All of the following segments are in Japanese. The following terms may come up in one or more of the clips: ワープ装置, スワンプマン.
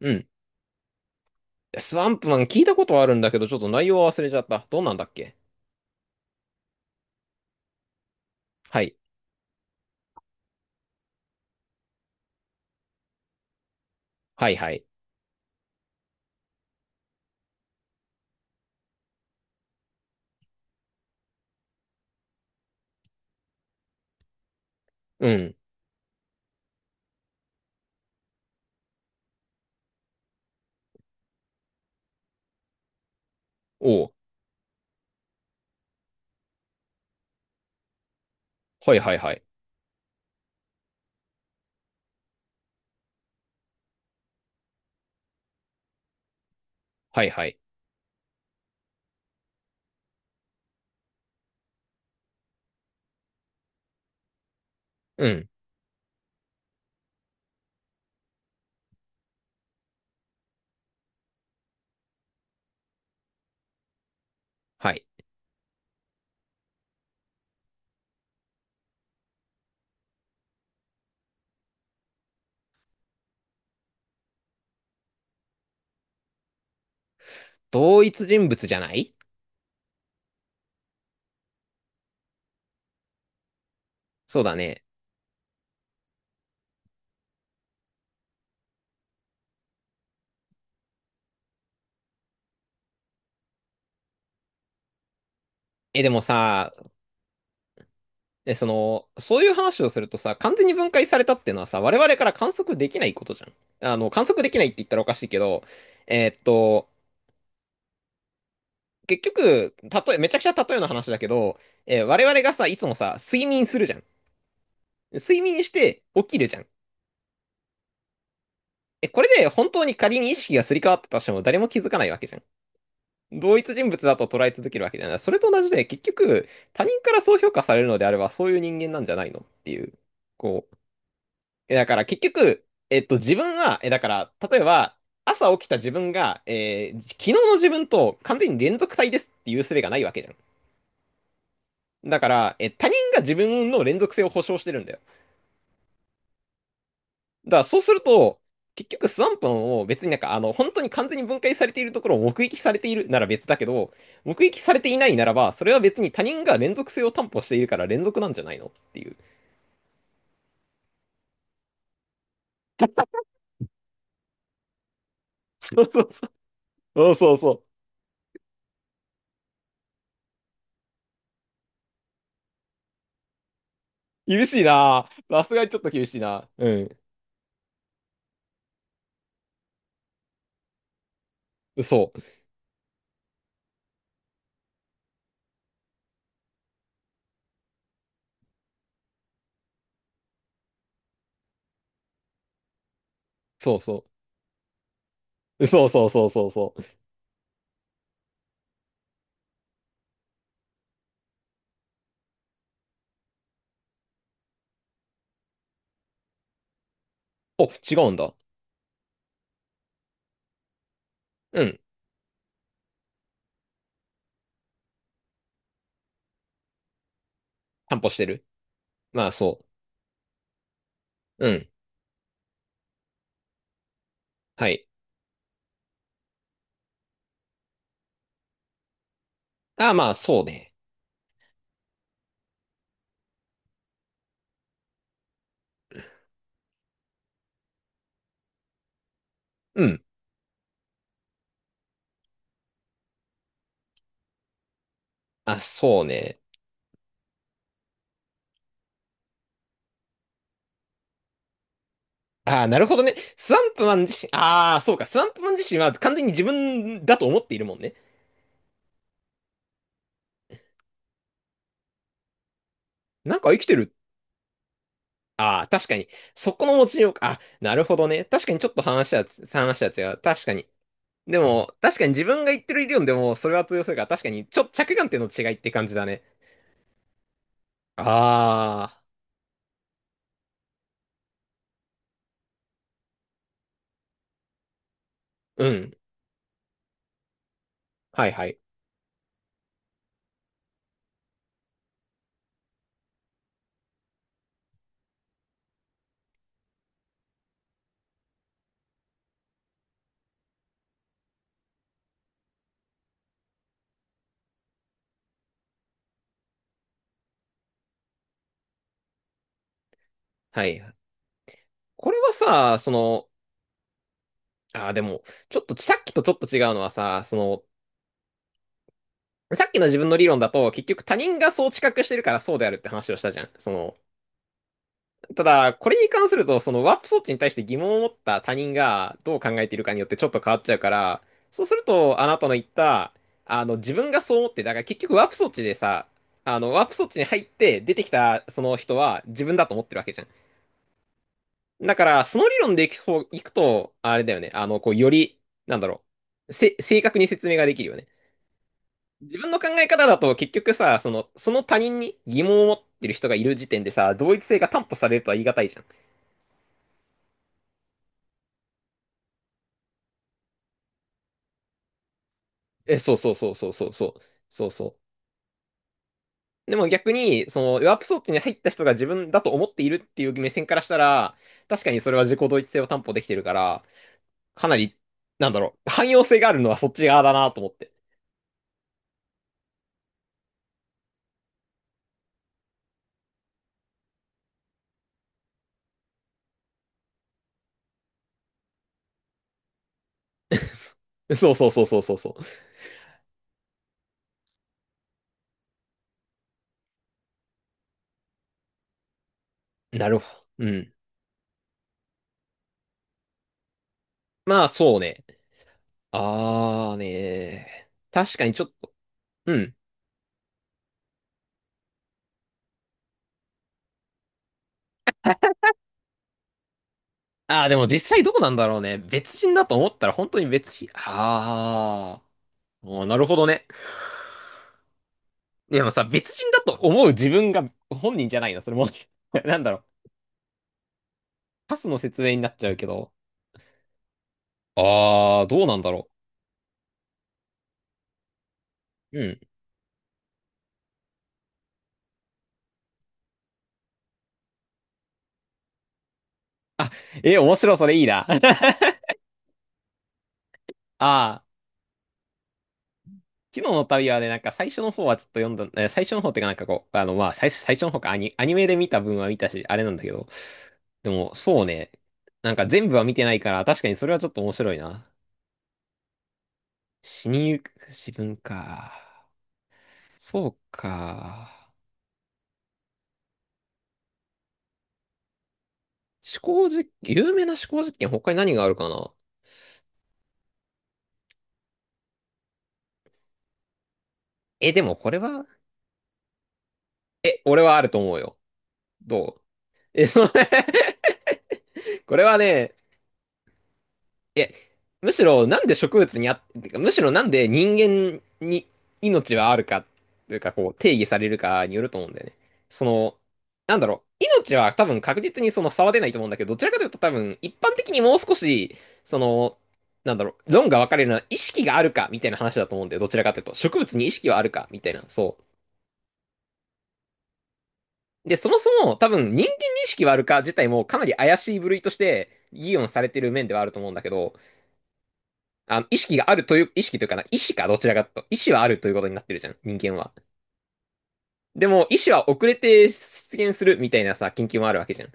うん。スワンプマン聞いたことはあるんだけど、ちょっと内容は忘れちゃった。どんなんだっけ。はい。はいはい。うん。おう。はいはいはい。はいはい。うん。はい。同一人物じゃない。そうだね。え、でもさ、え、その、そういう話をするとさ、完全に分解されたっていうのはさ、我々から観測できないことじゃん。観測できないって言ったらおかしいけど、えーっと、結局、たとえ、めちゃくちゃ例えの話だけど、我々がさ、いつもさ、睡眠するじゃん。睡眠して起きるじゃん。え、これで本当に仮に意識がすり替わったとしても誰も気づかないわけじゃん。同一人物だと捉え続けるわけじゃない。それと同じで、結局、他人からそう評価されるのであれば、そういう人間なんじゃないのっていう。こう。え、だから結局、自分は、え、だから、例えば、朝起きた自分が、昨日の自分と完全に連続体ですっていう術がないわけじゃん。だから、え、他人が自分の連続性を保証してるんだよ。だからそうすると、結局スワンプも別に本当に完全に分解されているところを目撃されているなら別だけど、目撃されていないならば、それは別に他人が連続性を担保しているから連続なんじゃないのっていう。そうそうそう。そうそうそう。厳しいなぁ、さすがにちょっと厳しいなぁ。うん。そう。そうそう。そうそうそうそうそう。お、違うんだ。うん。担保してる。まあそう。うん。はい。ああ、まあそうね。うん。あ、そうね。ああ、なるほどね。スワンプマン自身、ああ、そうか。スワンプマン自身は完全に自分だと思っているもんね。なんか生きてる。ああ、確かに。そこの持ちようか。あ、なるほどね。確かにちょっと話は、話は違う。確かに。でも、確かに自分が言ってる理論でもそれは通用するから、確かに、ちょ、着眼点の違いって感じだね。ああ、うん。はいはい。はい。これはさ、その、ああ、でも、ちょっとさっきとちょっと違うのはさ、その、さっきの自分の理論だと、結局他人がそう知覚してるからそうであるって話をしたじゃん。その、ただ、これに関すると、そのワープ装置に対して疑問を持った他人がどう考えているかによってちょっと変わっちゃうから、そうすると、あなたの言った、自分がそう思って、だから結局ワープ装置でさ、ワープ装置に入って出てきたその人は自分だと思ってるわけじゃん。だから、その理論でいくと、あれだよね、あの、こう、より、なんだろう、せ、正確に説明ができるよね。自分の考え方だと結局さ、その、その他人に疑問を持ってる人がいる時点でさ、同一性が担保されるとは言い難いじゃん。え、そうそうそうそうそうそう。そうそう。でも逆に、その、ワープ装置に入った人が自分だと思っているっていう目線からしたら、確かにそれは自己同一性を担保できてるから、かなり、なんだろう、汎用性があるのはそっち側だなと思って。そうそうそうそうそうそう。なるほど。うん。まあそうね。あーねー。確かにちょっと。うん。あーでも実際どうなんだろうね。別人だと思ったら本当に別人。あー。おーなるほどね。でもさ、別人だと思う自分が本人じゃないな、それも。なんだろう。パスの説明になっちゃうけど。ああ、どうなんだろう。うん。あ、えー、面白い、それいいな。ああ、昨日の旅はね、なんか最初の方はちょっと読んだ、最初の方っていうかなんかこう、あの、まあ、最初、最初の方か、アニ、アニメで見た分は見たし、あれなんだけど。でも、そうね。なんか全部は見てないから、確かにそれはちょっと面白いな。死にゆく自分か。そうか。思考実験、有名な思考実験、他に何があるかな。え、でもこれは、え、俺はあると思うよ。どう、え、その。 これはね、え、むしろなんで植物にあ、てかむしろなんで人間に命はあるか、というかこう定義されるかによると思うんだよね。その、なんだろう、命は多分確実にその差は出ないと思うんだけど、どちらかというと多分一般的にもう少し、その、なんだろう、論が分かれるのは意識があるかみたいな話だと思うんだよ。どちらかというと。植物に意識はあるかみたいな。そう。で、そもそも多分人間認識はあるか自体もかなり怪しい部類として議論されてる面ではあると思うんだけど、あの意識があるという、意識というかな、意思かどちらかと、意思はあるということになってるじゃん、人間は。でも、意思は遅れて出現するみたいなさ、研究もあるわけじゃん。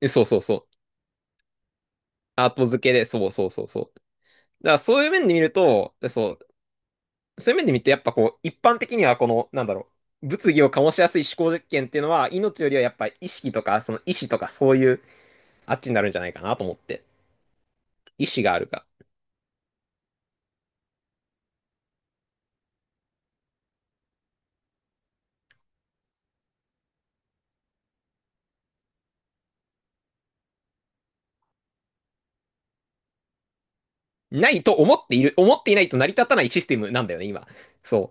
でそうそうそう。アート付けで、そうそうそうそう。だからそういう面で見ると、そう、そういう面で見てやっぱこう、一般的にはこの、なんだろう、物議を醸しやすい思考実験っていうのは、命よりはやっぱ意識とか、その意思とかそういう、あっちになるんじゃないかなと思って。意思があるか。ないと思っている、思っていないと成り立たないシステムなんだよね、今。そ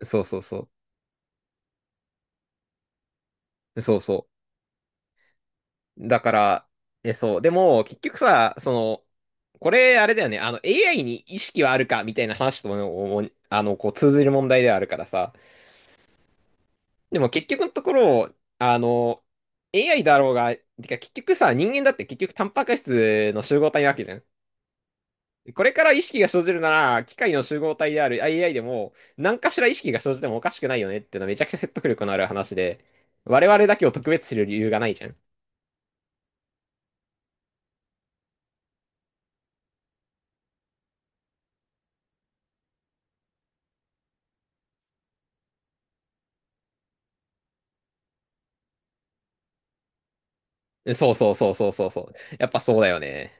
う。そうそうそう。そうそう。だから、え、そう。でも、結局さ、その、これ、あれだよね、AI に意識はあるか、みたいな話とも、お、あの、こう、通ずる問題ではあるからさ。でも、結局のところ、AI だろうが、てか、結局さ、人間だって結局、タンパク質の集合体なわけじゃん。これから意識が生じるなら、機械の集合体である AI でも、何かしら意識が生じてもおかしくないよねっていうのはめちゃくちゃ説得力のある話で、我々だけを特別視する理由がないじゃん。そうそうそうそうそうそう。やっぱそうだよね。